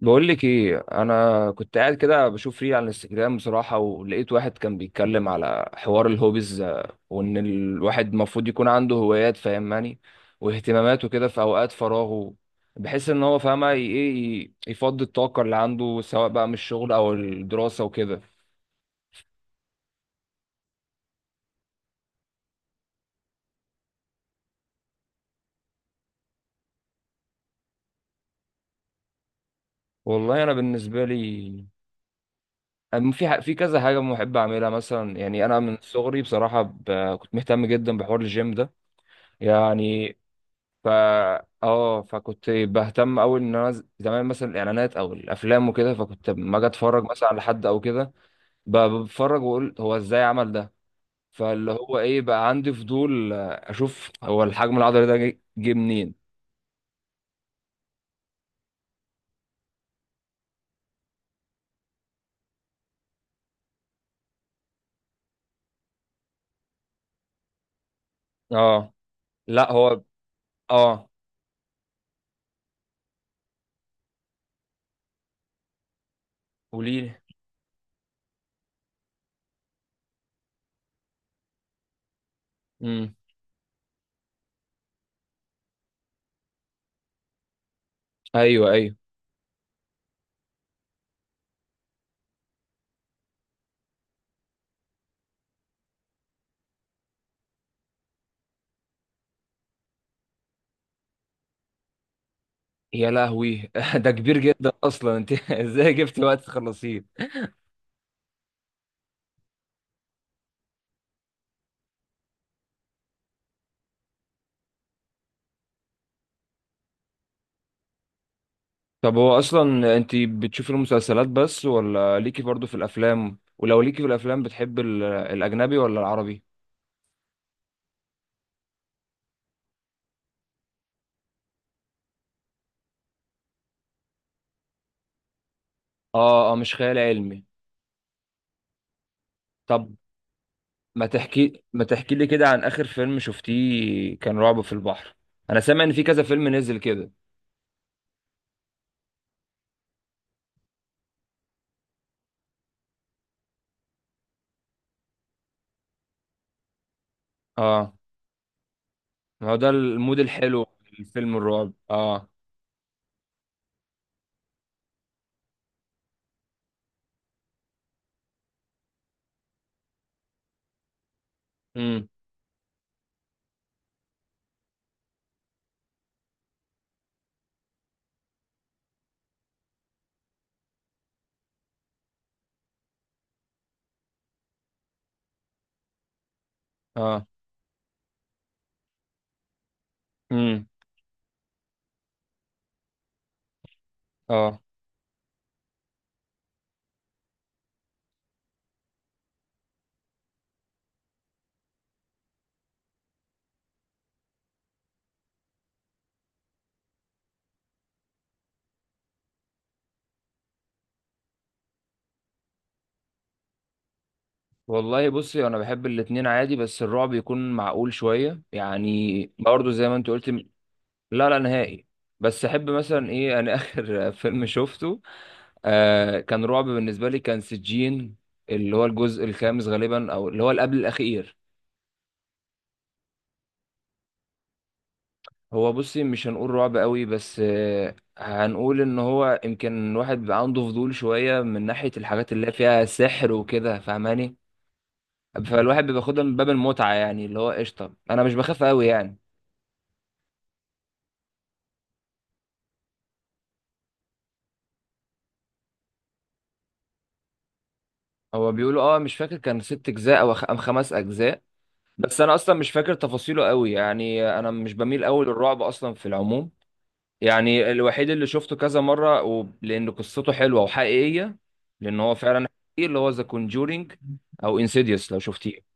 بقول لك ايه، انا كنت قاعد كده بشوف ريل على الانستجرام بصراحه، ولقيت واحد كان بيتكلم على حوار الهوبيز، وان الواحد المفروض يكون عنده هوايات فاهماني، واهتماماته كده في اوقات فراغه، بحيث ان هو فاهمه يفضي الطاقه اللي عنده سواء بقى من الشغل او الدراسه وكده. والله انا بالنسبه لي في كذا حاجه بحب اعملها مثلا. يعني انا من صغري بصراحه كنت مهتم جدا بحوار الجيم ده يعني. فا اه فكنت بهتم أوي إن أنا زمان مثلا الإعلانات أو الأفلام وكده، فكنت لما أجي أتفرج مثلا على حد أو كده بتفرج وأقول هو إزاي عمل ده. فاللي هو إيه بقى، عندي فضول أشوف هو الحجم العضلي ده جه منين. اه، لا هو اه. قولي. امم. ايوه، ايوه. يا لهوي، ده كبير جدا اصلا، انت ازاي جبت وقت تخلصيه؟ طب هو اصلا انت بتشوفي المسلسلات بس ولا ليكي برضو في الافلام؟ ولو ليكي في الافلام، بتحب الاجنبي ولا العربي؟ اه اه، مش خيال علمي. طب ما تحكي لي كده عن اخر فيلم شفتيه كان رعب في البحر. انا سامع ان في كذا فيلم نزل كده. اه. ما هو ده المود الحلو في الفيلم الرعب، اه. امم. اه. امم. اه. والله بصي، انا بحب الاتنين عادي، بس الرعب يكون معقول شويه يعني، برضه زي ما انت قلت. لا، لا نهائي. بس احب مثلا ايه، انا اخر فيلم شفته كان رعب بالنسبه لي، كان سجين، اللي هو الجزء الخامس غالبا، او اللي هو اللي قبل الاخير. هو بصي مش هنقول رعب قوي، بس هنقول ان هو يمكن الواحد بيبقى عنده فضول شويه من ناحيه الحاجات اللي فيها سحر وكده فاهماني. فالواحد بياخدها من باب المتعه يعني، اللي هو قشطه، انا مش بخاف قوي يعني. هو بيقولوا اه، مش فاكر، كان ست اجزاء او خ- أم خمس اجزاء. بس انا اصلا مش فاكر تفاصيله قوي يعني، انا مش بميل قوي للرعب اصلا في العموم. يعني الوحيد اللي شفته كذا مره لان قصته حلوه وحقيقيه. لان هو فعلا حقيقي، اللي هو ذا كونجورينج، او انسيديوس لو شفتيه.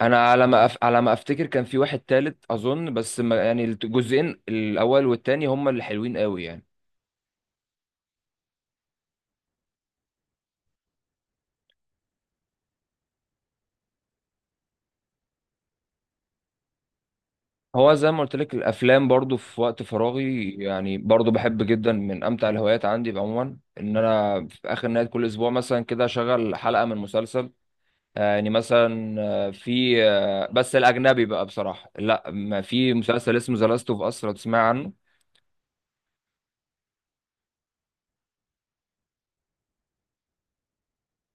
انا على ما افتكر كان في واحد تالت اظن، بس ما... يعني الجزئين الاول والتاني هما اللي حلوين قوي يعني. هو زي ما قلت لك، الافلام برضو في وقت فراغي يعني، برضو بحب جدا. من امتع الهوايات عندي عموما ان انا في اخر نهايه كل اسبوع مثلا كده اشغل حلقه من مسلسل. يعني مثلا، آه، في آه، بس الاجنبي بقى بصراحه، لا، ما في مسلسل اسمه ذا لاست اوف اس لو تسمع عنه.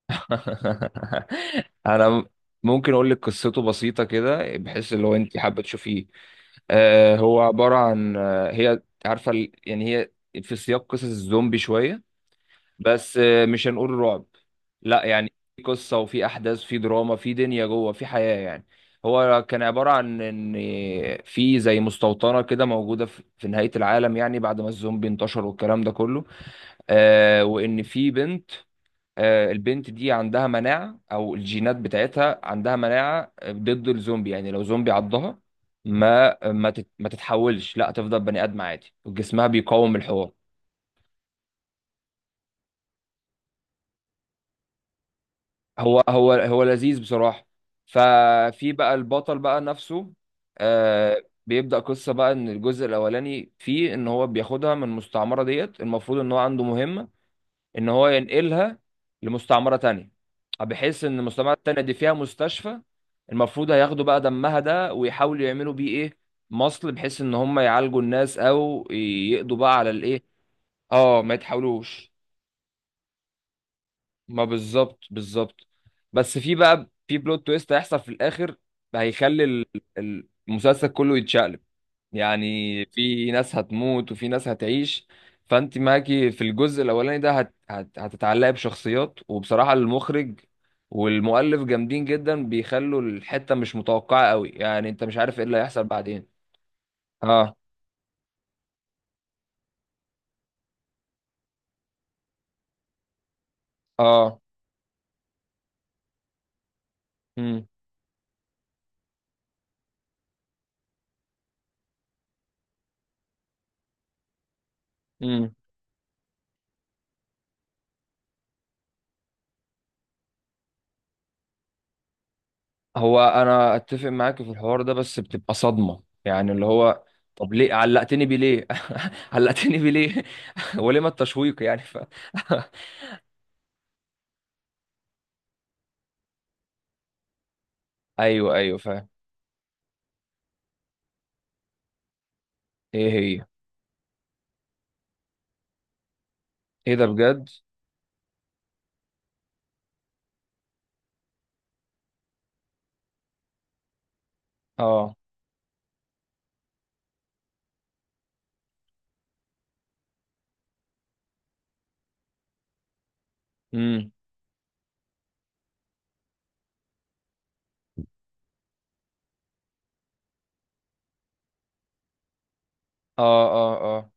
انا ممكن اقول لك قصته بسيطه كده، بحيث لو انت حابه تشوفيه. هو عباره عن، هي عارفه يعني هي في سياق قصص الزومبي شويه، بس مش هنقول رعب. لا يعني، في قصة وفي أحداث، في دراما، في دنيا جوه، في حياة يعني. هو كان عبارة عن إن في زي مستوطنة كده موجودة في نهاية العالم، يعني بعد ما الزومبي انتشر والكلام ده كله. آه، وإن في بنت، آه البنت دي عندها مناعة، أو الجينات بتاعتها عندها مناعة ضد الزومبي. يعني لو زومبي عضها ما تتحولش، لا تفضل بني آدم عادي وجسمها بيقاوم الحوار. هو لذيذ بصراحة. ففي بقى البطل بقى نفسه، آه، بيبدأ قصة بقى. ان الجزء الاولاني فيه ان هو بياخدها من المستعمرة ديت، المفروض ان هو عنده مهمة، ان هو ينقلها لمستعمرة تانية، بحيث ان المستعمرة التانية دي فيها مستشفى، المفروض هياخدوا بقى دمها ده ويحاولوا يعملوا بيه ايه، مصل، بحيث ان هم يعالجوا الناس او يقضوا بقى على الايه. اه، ما يتحاولوش. ما بالظبط، بالظبط. بس في بقى، في بلوت تويست هيحصل في الاخر، هيخلي المسلسل كله يتشقلب، يعني في ناس هتموت وفي ناس هتعيش. فانت معاكي في الجزء الاولاني ده هت هت هتتعلقي بشخصيات، وبصراحة المخرج والمؤلف جامدين جدا، بيخلوا الحتة مش متوقعة قوي، يعني انت مش عارف ايه اللي هيحصل بعدين. اه، اه. امم. هو انا اتفق معاك في الحوار ده، بس بتبقى صدمه يعني، اللي هو طب ليه علقتني بيه ليه؟ علقتني بيه ليه؟ ولما التشويق يعني ايوه، ايوه، فاهم. ايه هي؟ ايه ده بجد؟ اه. امم. اه، اه، اه،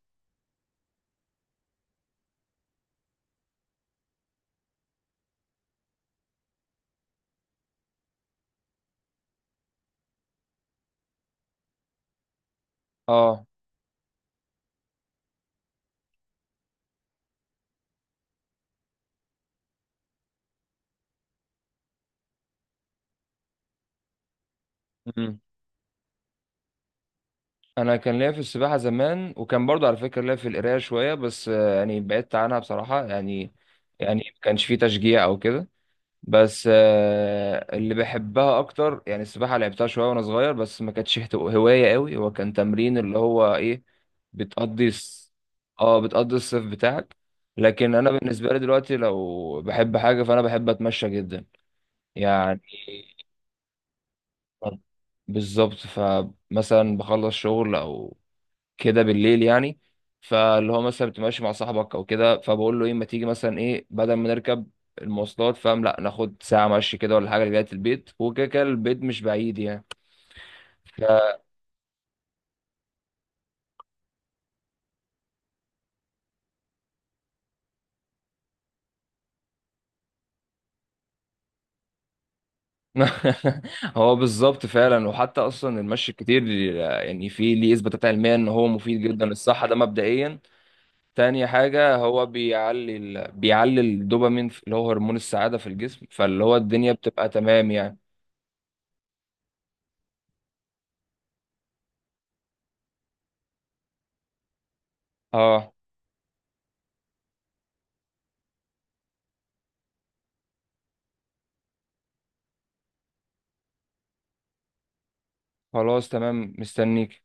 اه. امم. انا كان ليا في السباحه زمان، وكان برضه على فكره ليا في القرايه شويه، بس يعني بعدت عنها بصراحه يعني. يعني ما كانش في تشجيع او كده. بس اللي بحبها اكتر، يعني السباحه لعبتها شويه وانا صغير، بس ما كانتش هوايه قوي، هو كان تمرين اللي هو ايه، بتقضي الس- اه بتقضي الصيف بتاعك. لكن انا بالنسبه لي دلوقتي، لو بحب حاجه فانا بحب اتمشى جدا يعني. بالظبط، فمثلا بخلص شغل او كده بالليل يعني، فاللي هو مثلا بتبقى ماشي مع صاحبك او كده، فبقول له ايه، ما تيجي مثلا ايه، بدل ما نركب المواصلات فاهم، لا ناخد ساعة مشي كده ولا حاجة لغاية البيت، وكده كده البيت مش بعيد يعني. ف- هو بالظبط فعلا. وحتى اصلا المشي الكتير، يعني في ليه اثباتات علميه ان هو مفيد جدا للصحه، ده مبدئيا. تاني حاجه، هو بيعلي الدوبامين اللي هو هرمون السعاده في الجسم، فاللي هو الدنيا بتبقى تمام يعني. اه. خلاص تمام، مستنيك.